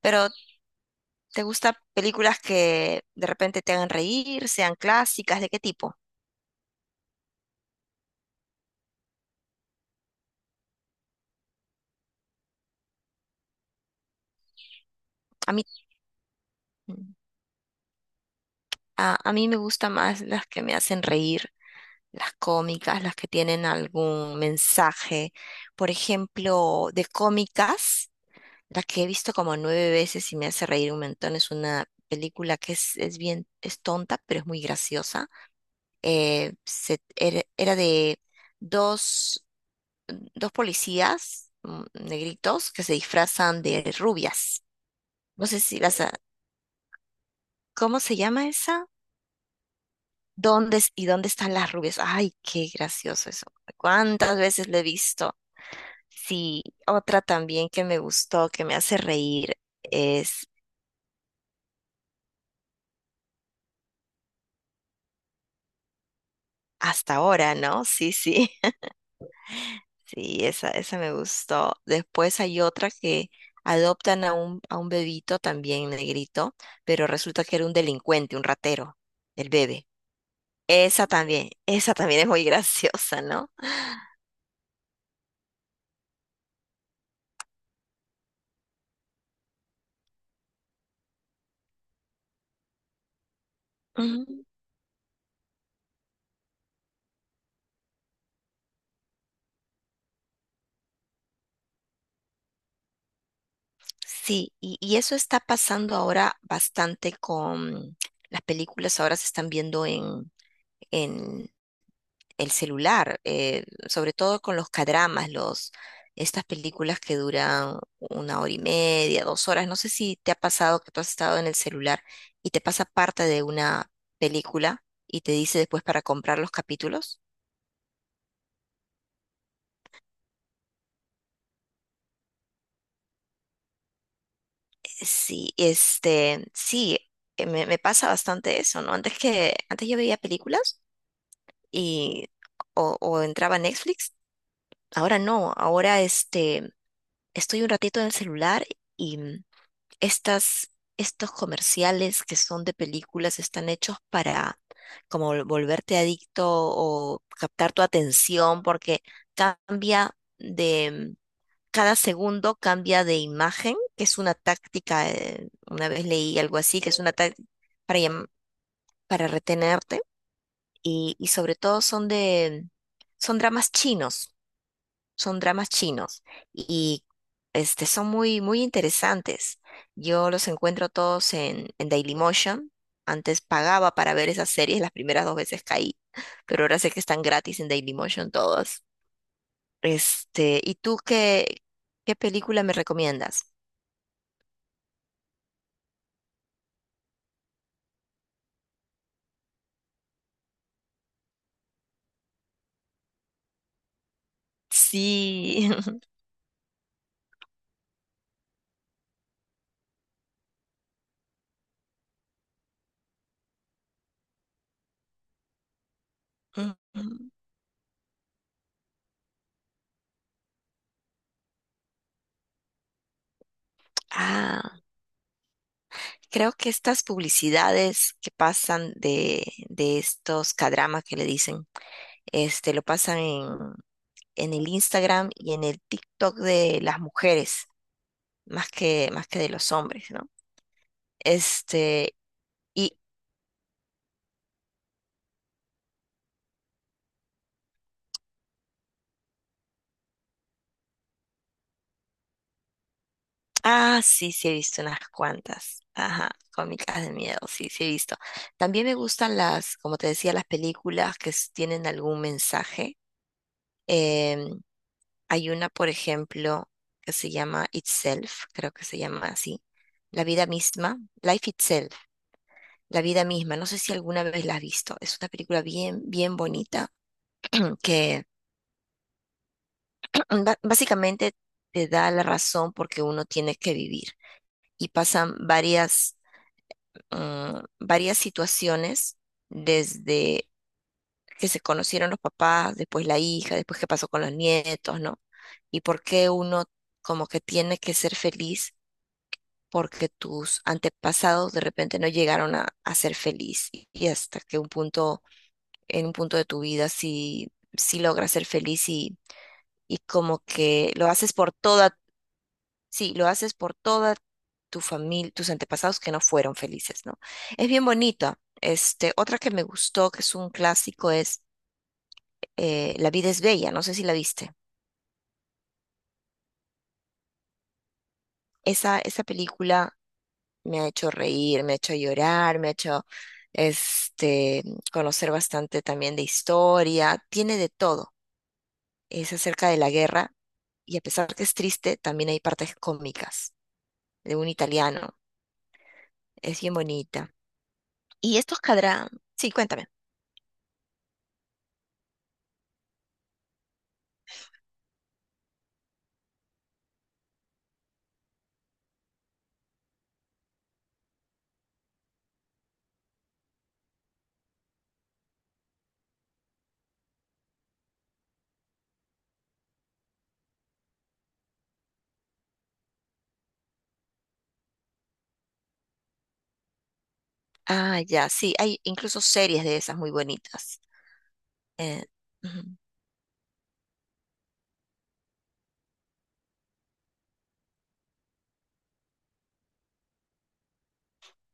Pero, ¿te gustan películas que de repente te hagan reír, sean clásicas? ¿De qué tipo? A mí, mm, a mí me gustan más las que me hacen reír, las cómicas, las que tienen algún mensaje. Por ejemplo, de cómicas, la que he visto como nueve veces y me hace reír un montón es una película que es tonta, pero es muy graciosa. Era de dos dos policías negritos que se disfrazan de rubias. No sé si las... ha- ¿Cómo se llama esa? ¿Y dónde están las rubias? Ay, qué gracioso eso. ¿Cuántas veces lo he visto? Sí, otra también que me gustó, que me hace reír, es. Hasta ahora, ¿no? Sí, sí. Sí, esa me gustó. Después hay otra que adoptan a un bebito también negrito, pero resulta que era un delincuente, un ratero, el bebé. Esa también es muy graciosa, ¿no? Ujú. Sí, y eso está pasando ahora bastante con las películas. Ahora se están viendo en el celular, sobre todo con los cadramas, estas películas que duran 1 hora y media, 2 horas. No sé si te ha pasado que tú has estado en el celular y te pasa parte de una película y te dice después para comprar los capítulos. Sí, este, sí, me pasa bastante eso, ¿no? Antes yo veía películas y o entraba a Netflix. Ahora no, ahora este, estoy un ratito en el celular y estas, estos comerciales que son de películas están hechos para como volverte adicto o captar tu atención porque cambia cada segundo cambia de imagen, que es una táctica, una vez leí algo así, que es una táctica para, llam- para retenerte. Y, sobre todo son dramas chinos, son dramas chinos y este, son muy, muy interesantes. Yo los encuentro todos en Dailymotion. Antes pagaba para ver esas series, las primeras dos veces caí, pero ahora sé que están gratis en Dailymotion todos. Este, ¿y tú qué película me recomiendas? Sí. Ujú. Ah, creo que estas publicidades que pasan de estos kdramas que le dicen, este, lo pasan en el Instagram y en el TikTok de las mujeres, más que de los hombres, ¿no? Este, y, sí, sí he visto unas cuantas. Ajá, cómicas de miedo, sí, sí he visto. También me gustan las, como te decía, las películas que tienen algún mensaje. em, Hay una, por ejemplo, que se llama Itself, creo que se llama así. La vida misma, Life Itself, la vida misma. No sé si alguna vez la has visto. Es una película bien, bien bonita que básicamente te da la razón porque uno tiene que vivir. Y pasan varias situaciones desde que se conocieron los papás, después la hija, después qué pasó con los nietos, ¿no? Y por qué uno como que tiene que ser feliz porque tus antepasados de repente no llegaron a ser feliz y hasta que un punto, en un punto de tu vida sí, sí logras ser feliz y como que lo haces por toda, sí, lo haces por toda tu familia, tus antepasados que no fueron felices, ¿no? Es bien bonita. Este, otra que me gustó, que es un clásico, es La vida es bella, no sé si la viste. Esa película me ha hecho reír, me ha hecho llorar, me ha hecho este, conocer bastante también de historia, tiene de todo. Es acerca de la guerra y a pesar que es triste, también hay partes cómicas de un italiano. Es bien bonita. Y estos cadrán, sí, cuéntame. Ah, ya, sí, hay incluso series de esas muy bonitas. Eh, Ujú.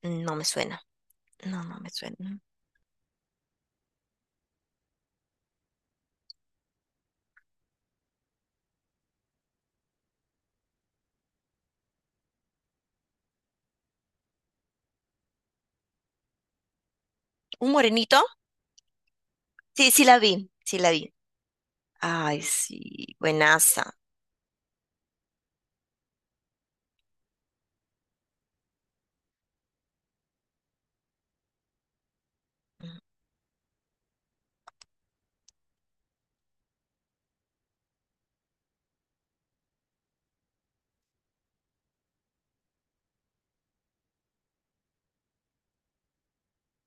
No me suena. No, no me suena. ¿Un morenito? Sí, sí la vi, sí la vi. Ay, sí, buenaza.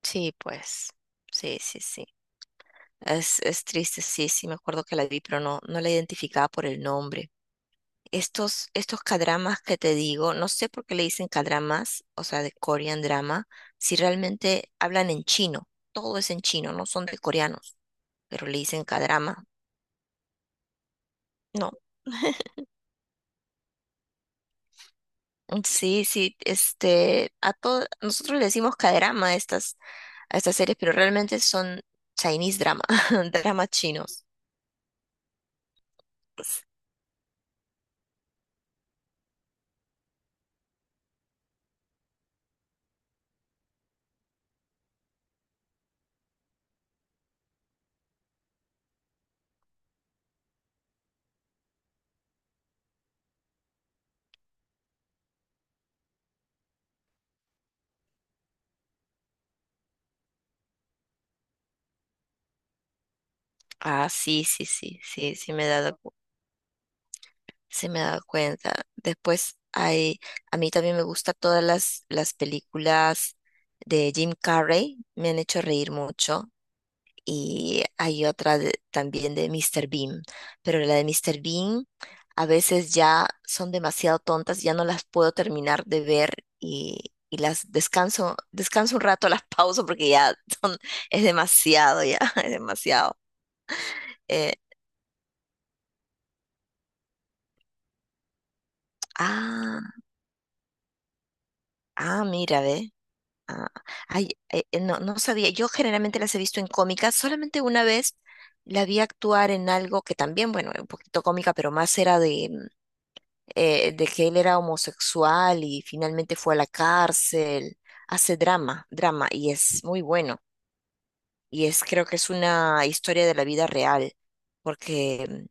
Sí, pues, sí, sí, sí. Es triste, sí, sí, me acuerdo que la vi, pero no, no la identificaba por el nombre. Estos cadramas que te digo, no sé por qué le dicen cadramas, o sea, de Korean drama, si realmente hablan en chino, todo es en chino, no son de coreanos, pero le dicen cadrama, no. Sí, sí, este, a todo, nosotros le decimos cadrama a estas series, pero realmente son Chinese drama, dramas chinos. Ah, sí, sí, sí, sí, sí me he dado, cu- sí me he dado cuenta. A mí también me gustan todas las películas de Jim Carrey, me han hecho reír mucho. Y hay otra también de Mr. Bean, pero la de Mr. Bean a veces ya son demasiado tontas, ya no las puedo terminar de ver y las descanso, descanso un rato, las pauso porque ya son, es demasiado, ya, es demasiado. Eh, ah. Ah, mira, ve. Ah, ay, no, no sabía. Yo generalmente las he visto en cómicas. Solamente una vez la vi actuar en algo que también, bueno, era un poquito cómica, pero más era de que él era homosexual y finalmente fue a la cárcel. Hace drama, drama, y es muy bueno. Creo que es una historia de la vida real, porque mm,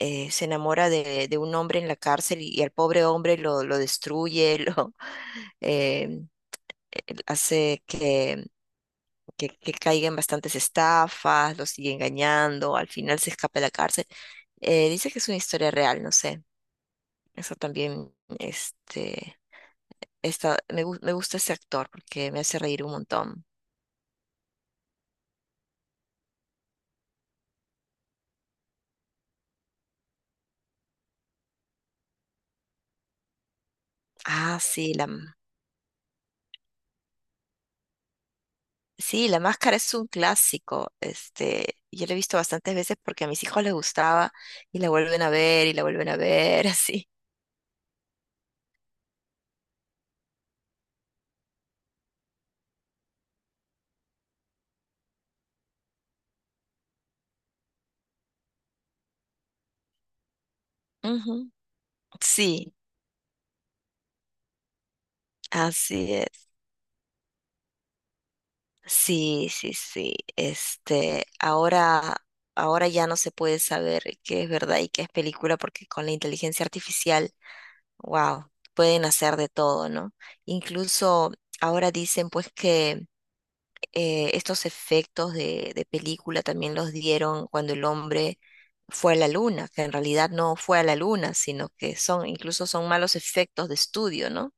eh, se enamora de un hombre en la cárcel y al pobre hombre lo destruye, em, hace que caigan bastantes estafas, los sigue engañando, al final se escapa de la cárcel. Dice que es una historia real, no sé. Eso también, este, me gusta ese actor porque me hace reír un montón. Ah, sí, sí, La Máscara es un clásico. Este, yo la he visto bastantes veces porque a mis hijos les gustaba y la vuelven a ver y la vuelven a ver, así. Ujú. Sí, así es. Sí, sí, sí. Este, ahora ya no se puede saber qué es verdad y qué es película, porque con la inteligencia artificial, wow, pueden hacer de todo, ¿no? Incluso ahora dicen pues que estos efectos de película también los dieron cuando el hombre fue a la luna, que en realidad no fue a la luna, sino que incluso son malos efectos de estudio, ¿no?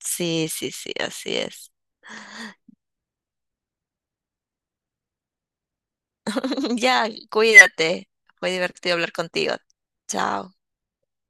Sí, sí, sí, así es. Ya, cuídate. Fue divertido hablar contigo. Chao.